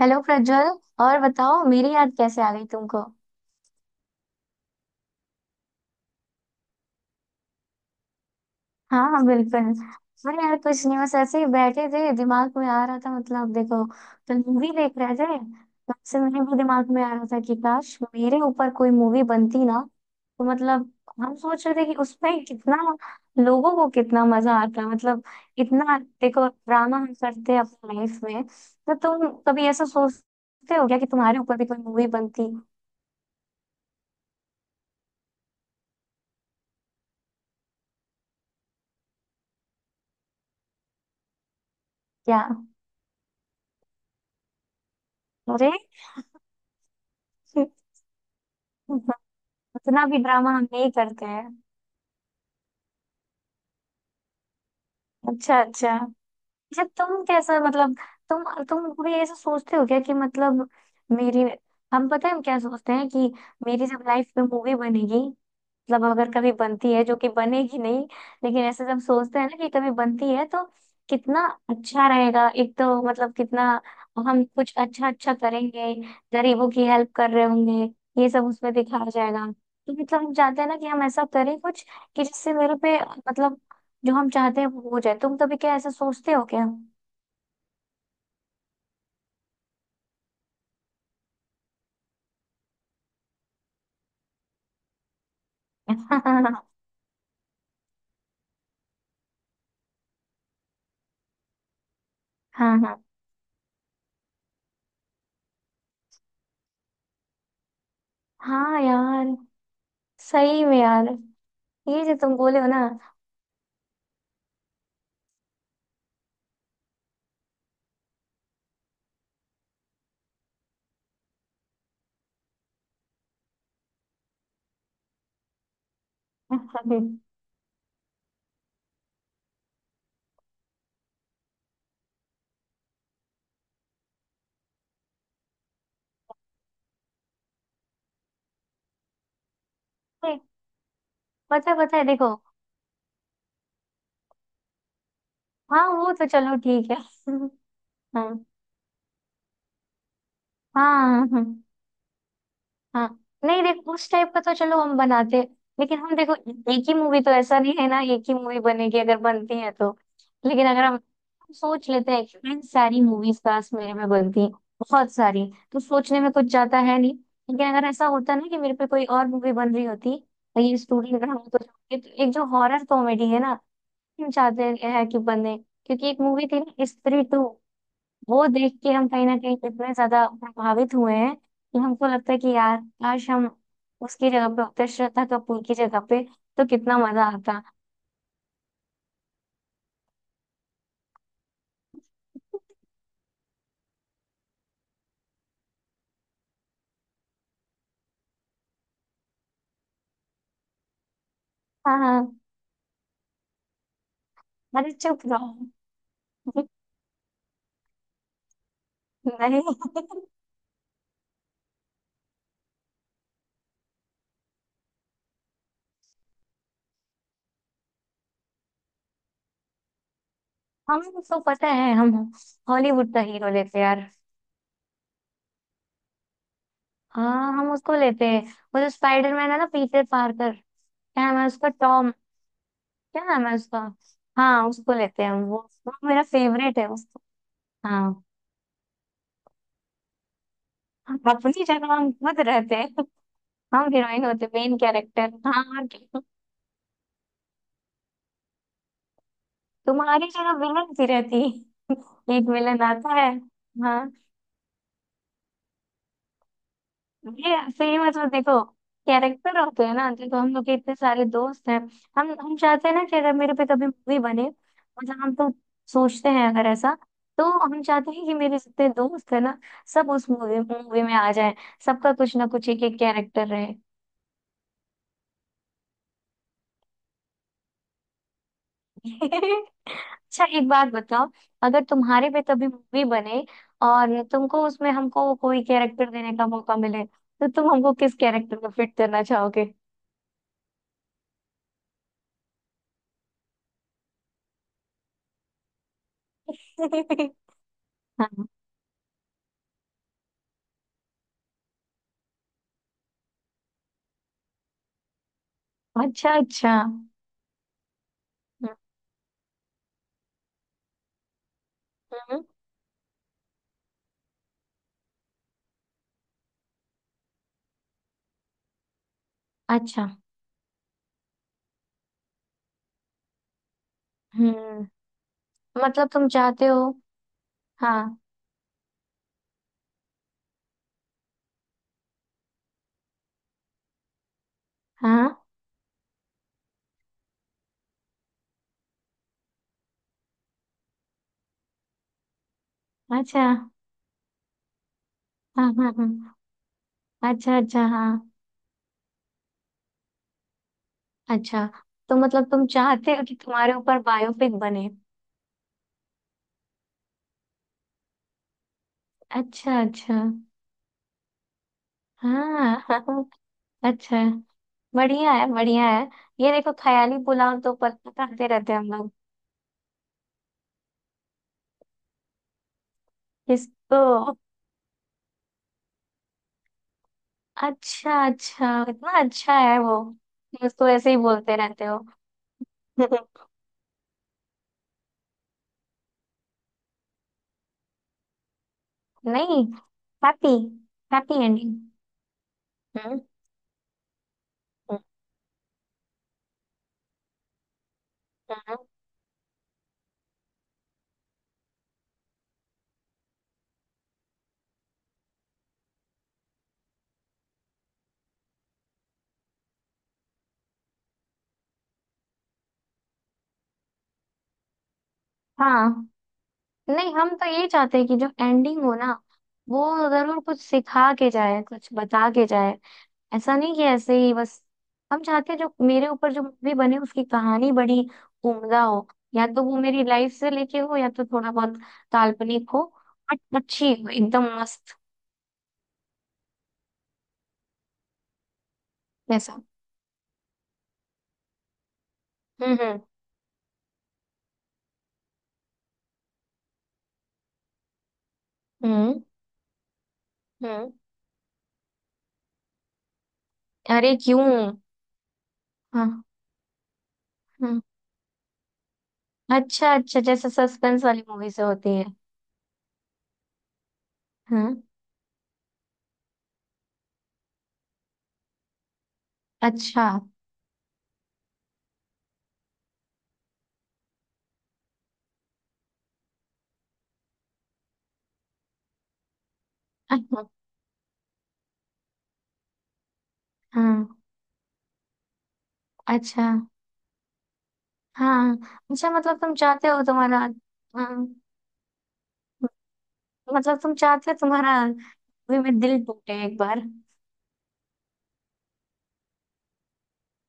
Hello Prajwal. और बताओ मेरी याद कैसे आ गई तुमको। हाँ हाँ, बिल्कुल। अरे यार, कुछ नहीं, बस ऐसे ही बैठे थे, दिमाग में आ रहा था। मतलब देखो, कल मूवी देख रहे थे, तब से मेरे भी दिमाग में आ रहा था कि काश मेरे ऊपर कोई मूवी बनती ना। तो मतलब हम सोच रहे थे कि उसमें कितना लोगों को कितना मजा आता, मतलब इतना देखो ड्रामा हम करते हैं अपनी लाइफ में, तो तुम कभी ऐसा सोचते हो क्या कि तुम्हारे ऊपर भी कोई मूवी बनती। क्या? अरे। उतना भी ड्रामा हम नहीं करते हैं। अच्छा अच्छा। अच्छा तुम कैसा, मतलब तुम भी ऐसा सोचते हो क्या कि मतलब मेरी। हम, पता है हम क्या सोचते हैं कि मेरी जब लाइफ में मूवी बनेगी, मतलब अगर कभी बनती है, जो कि बनेगी नहीं। लेकिन ऐसे जब सोचते हैं ना कि कभी बनती है तो कितना अच्छा रहेगा, एक तो मतलब कितना हम कुछ अच्छा अच्छा करेंगे, गरीबों की हेल्प कर रहे होंगे, ये सब उसमें दिखाया जाएगा। तो मतलब हम चाहते हैं ना कि हम ऐसा करें कुछ, कि जिससे मेरे पे, मतलब जो हम चाहते हैं वो हो जाए। तुम कभी क्या ऐसा सोचते हो क्या? हाँ, हाँ। हाँ यार, सही में यार। ये जो तुम बोले हो ना, नहीं, पता है पता है, देखो। हाँ वो तो चलो ठीक है। हाँ। हाँ। हाँ। हाँ, नहीं देखो, उस टाइप का तो चलो हम बनाते हैं। लेकिन हम देखो, एक ही मूवी तो ऐसा नहीं है ना, एक ही मूवी बनेगी अगर बनती है तो। लेकिन अगर हम सोच लेते हैं कि इन सारी मूवीज पास मेरे में बनती हैं बहुत सारी, तो सोचने में कुछ जाता है नहीं। लेकिन अगर ऐसा होता ना कि मेरे पे कोई और मूवी बन रही होती, और ये स्टूडेंट हम तो एक एक जो हॉरर कॉमेडी है ना, हम चाहते हैं कि बने। क्योंकि एक मूवी थी ना, स्त्री टू, वो देख के हम कहीं ना कहीं इतने ज्यादा प्रभावित हुए हैं कि हमको लगता है कि यार, काश हम उसकी जगह पे होते, श्रद्धा कपूर की जगह पे, तो कितना मजा आता। हाँ हाँ, अरे चुप रहो। नहीं, हमें उसको पता है। हम हॉलीवुड का हीरो लेते यार। हाँ, हम उसको लेते हैं। वो जो स्पाइडरमैन है ना, पीटर पार्कर। क्या नाम है उसका, टॉम। क्या नाम है उसका? हाँ उसको लेते हैं हम। वो मेरा फेवरेट है, उसको। हाँ, अपनी जगह हम खुद रहते हैं। हाँ, हीरोइन होते मेन कैरेक्टर। हाँ और क्या? तुम्हारी जगह विलन सी रहती। एक विलन आता है। हाँ ये सही। मतलब देखो, कैरेक्टर होते हैं ना, देखो हम लोग के इतने सारे दोस्त हैं। हम चाहते हैं ना कि अगर मेरे पे कभी मूवी बने, मतलब हम तो सोचते हैं अगर ऐसा, तो हम चाहते हैं कि मेरे जितने दोस्त है ना, सब उस मूवी मूवी में आ जाए, सबका कुछ ना कुछ, एक एक कैरेक्टर रहे। अच्छा, एक बात बताओ, अगर तुम्हारे पे कभी मूवी बने, और तुमको उसमें हमको कोई कैरेक्टर देने का मौका मिले, तो तुम हमको किस कैरेक्टर में फिट करना चाहोगे? हाँ, अच्छा अच्छा। हम्म, अच्छा। हम्म, मतलब तुम चाहते हो। हाँ हाँ, अच्छा। हाँ हाँ हाँ, अच्छा अच्छा। हाँ, अच्छा। तो मतलब तुम चाहते हो कि तुम्हारे ऊपर बायोपिक बने। अच्छा अच्छा। हाँ हाँ, अच्छा। बढ़िया है बढ़िया है। ये देखो, ख्याली पुलाव तो पता करते रहते हैं हम लोग। किसको? अच्छा अच्छा, इतना अच्छा है वो? तुम उसको ऐसे ही बोलते रहते हो? नहीं, हैप्पी हैप्पी एंडिंग। हम्म हम्म, हम्म। हाँ। नहीं, हम तो ये चाहते हैं कि जो एंडिंग हो ना, वो जरूर कुछ सिखा के जाए, कुछ बता के जाए। ऐसा नहीं कि ऐसे ही बस। हम चाहते हैं जो मेरे ऊपर जो मूवी बने, उसकी कहानी बड़ी उम्दा हो, या तो वो मेरी लाइफ से लेके हो, या तो थोड़ा बहुत काल्पनिक हो, बट अच्छी हो एकदम मस्त। वैसा। हम्म। हम्म हम्म। अरे क्यों? हाँ। हाँ, अच्छा अच्छा, जैसे सस्पेंस वाली मूवी से होती है। हाँ, अच्छा अच्छा। हाँ, अच्छा। हाँ, अच्छा, मतलब तुम चाहते हो तुम्हारा। हाँ, मतलब तुम चाहते हो तुम्हारा मूवी में दिल टूटे एक बार।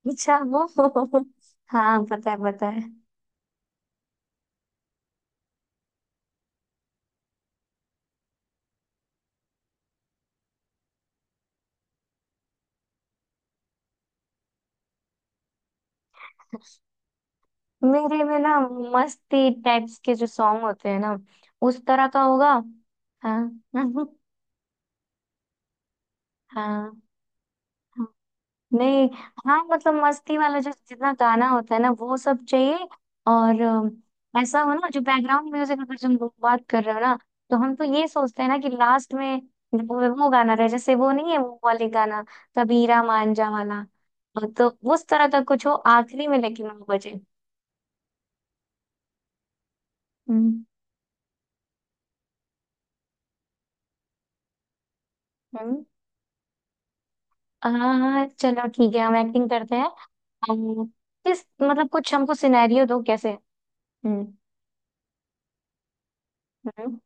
अच्छा वो, हाँ, पता है पता है। मेरे में ना, मस्ती टाइप्स के जो सॉन्ग होते हैं ना, उस तरह का होगा। हाँ हाँ। हाँ, नहीं। हाँ मतलब मस्ती वाला जो जितना गाना होता है ना, वो सब चाहिए। और ऐसा हो ना जो बैकग्राउंड म्यूजिक, अगर तुम लोग बात कर रहे हो ना, तो हम तो ये सोचते हैं ना कि लास्ट में वो गाना रहे, जैसे वो नहीं है, वो वाले गाना, कबीरा मांझा वाला, तो उस तरह का कुछ हो आखिरी में, लेकिन वो बजे। हम्म हम्म। हाँ हाँ, चलो ठीक है, हम एक्टिंग करते हैं। अम, किस मतलब, कुछ हमको सिनेरियो दो कैसे। हम्म हम्म,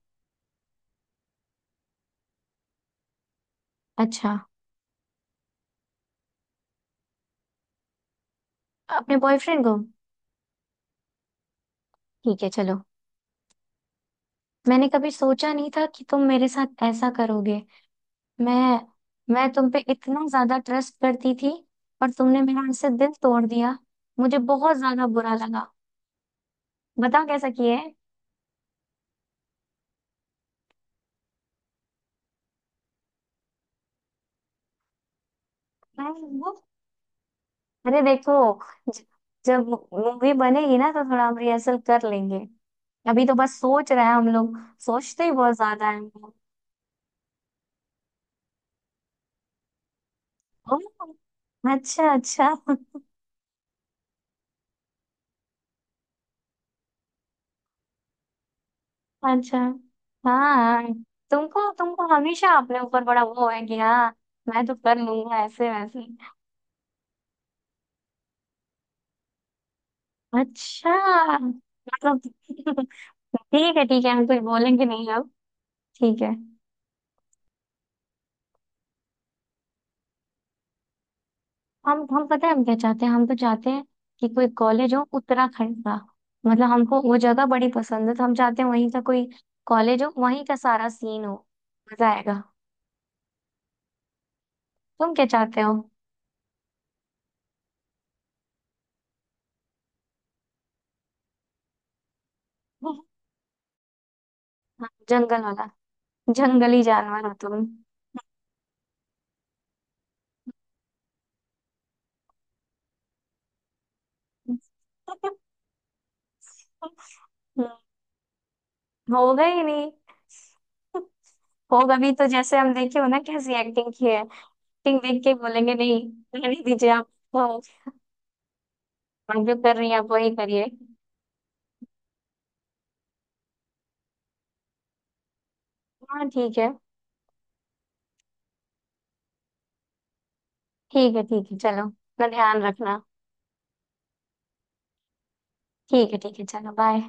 अच्छा। अपने बॉयफ्रेंड को? ठीक है चलो। मैंने कभी सोचा नहीं था कि तुम मेरे साथ ऐसा करोगे। मैं मैं तुम पे इतना ज्यादा ट्रस्ट करती थी, और तुमने मेरा उससे दिल तोड़ दिया, मुझे बहुत ज्यादा बुरा लगा। बताओ कैसा किया है। मैं वो- अरे देखो, ज- जब मूवी बनेगी ना, तो थोड़ा हम रिहर्सल कर लेंगे। अभी तो बस सोच रहे हैं हम लोग। सोचते ही बहुत ज्यादा है। ओह, अच्छा अच्छा। अच्छा, हाँ। तुमको तुमको हमेशा अपने ऊपर बड़ा वो है कि हाँ, मैं तो कर लूंगा ऐसे वैसे। अच्छा, मतलब ठीक है ठीक है, हम कुछ बोलेंगे नहीं अब। ठीक है। हम पता है हम क्या चाहते हैं। हम तो चाहते हैं कि कोई कॉलेज हो उत्तराखंड का, मतलब हमको वो जगह बड़ी पसंद है, तो हम चाहते हैं वहीं का कोई कॉलेज हो, वहीं का सारा सीन हो, मजा आएगा। तुम क्या चाहते हो? हाँ, जंगल वाला। जंगली जानवर हो तुम। हम्म, होगा ही नहीं। होगा भी तो, जैसे हम देखे हो ना कैसी एक्टिंग की है, एक्टिंग देख के बोलेंगे नहीं, रहने दीजिए आप। तो आप जो कर रही हैं आप, वही करिए। हाँ ठीक है। ठीक है ठीक है, चलो अपना ध्यान रखना। ठीक है ठीक है, चलो बाय।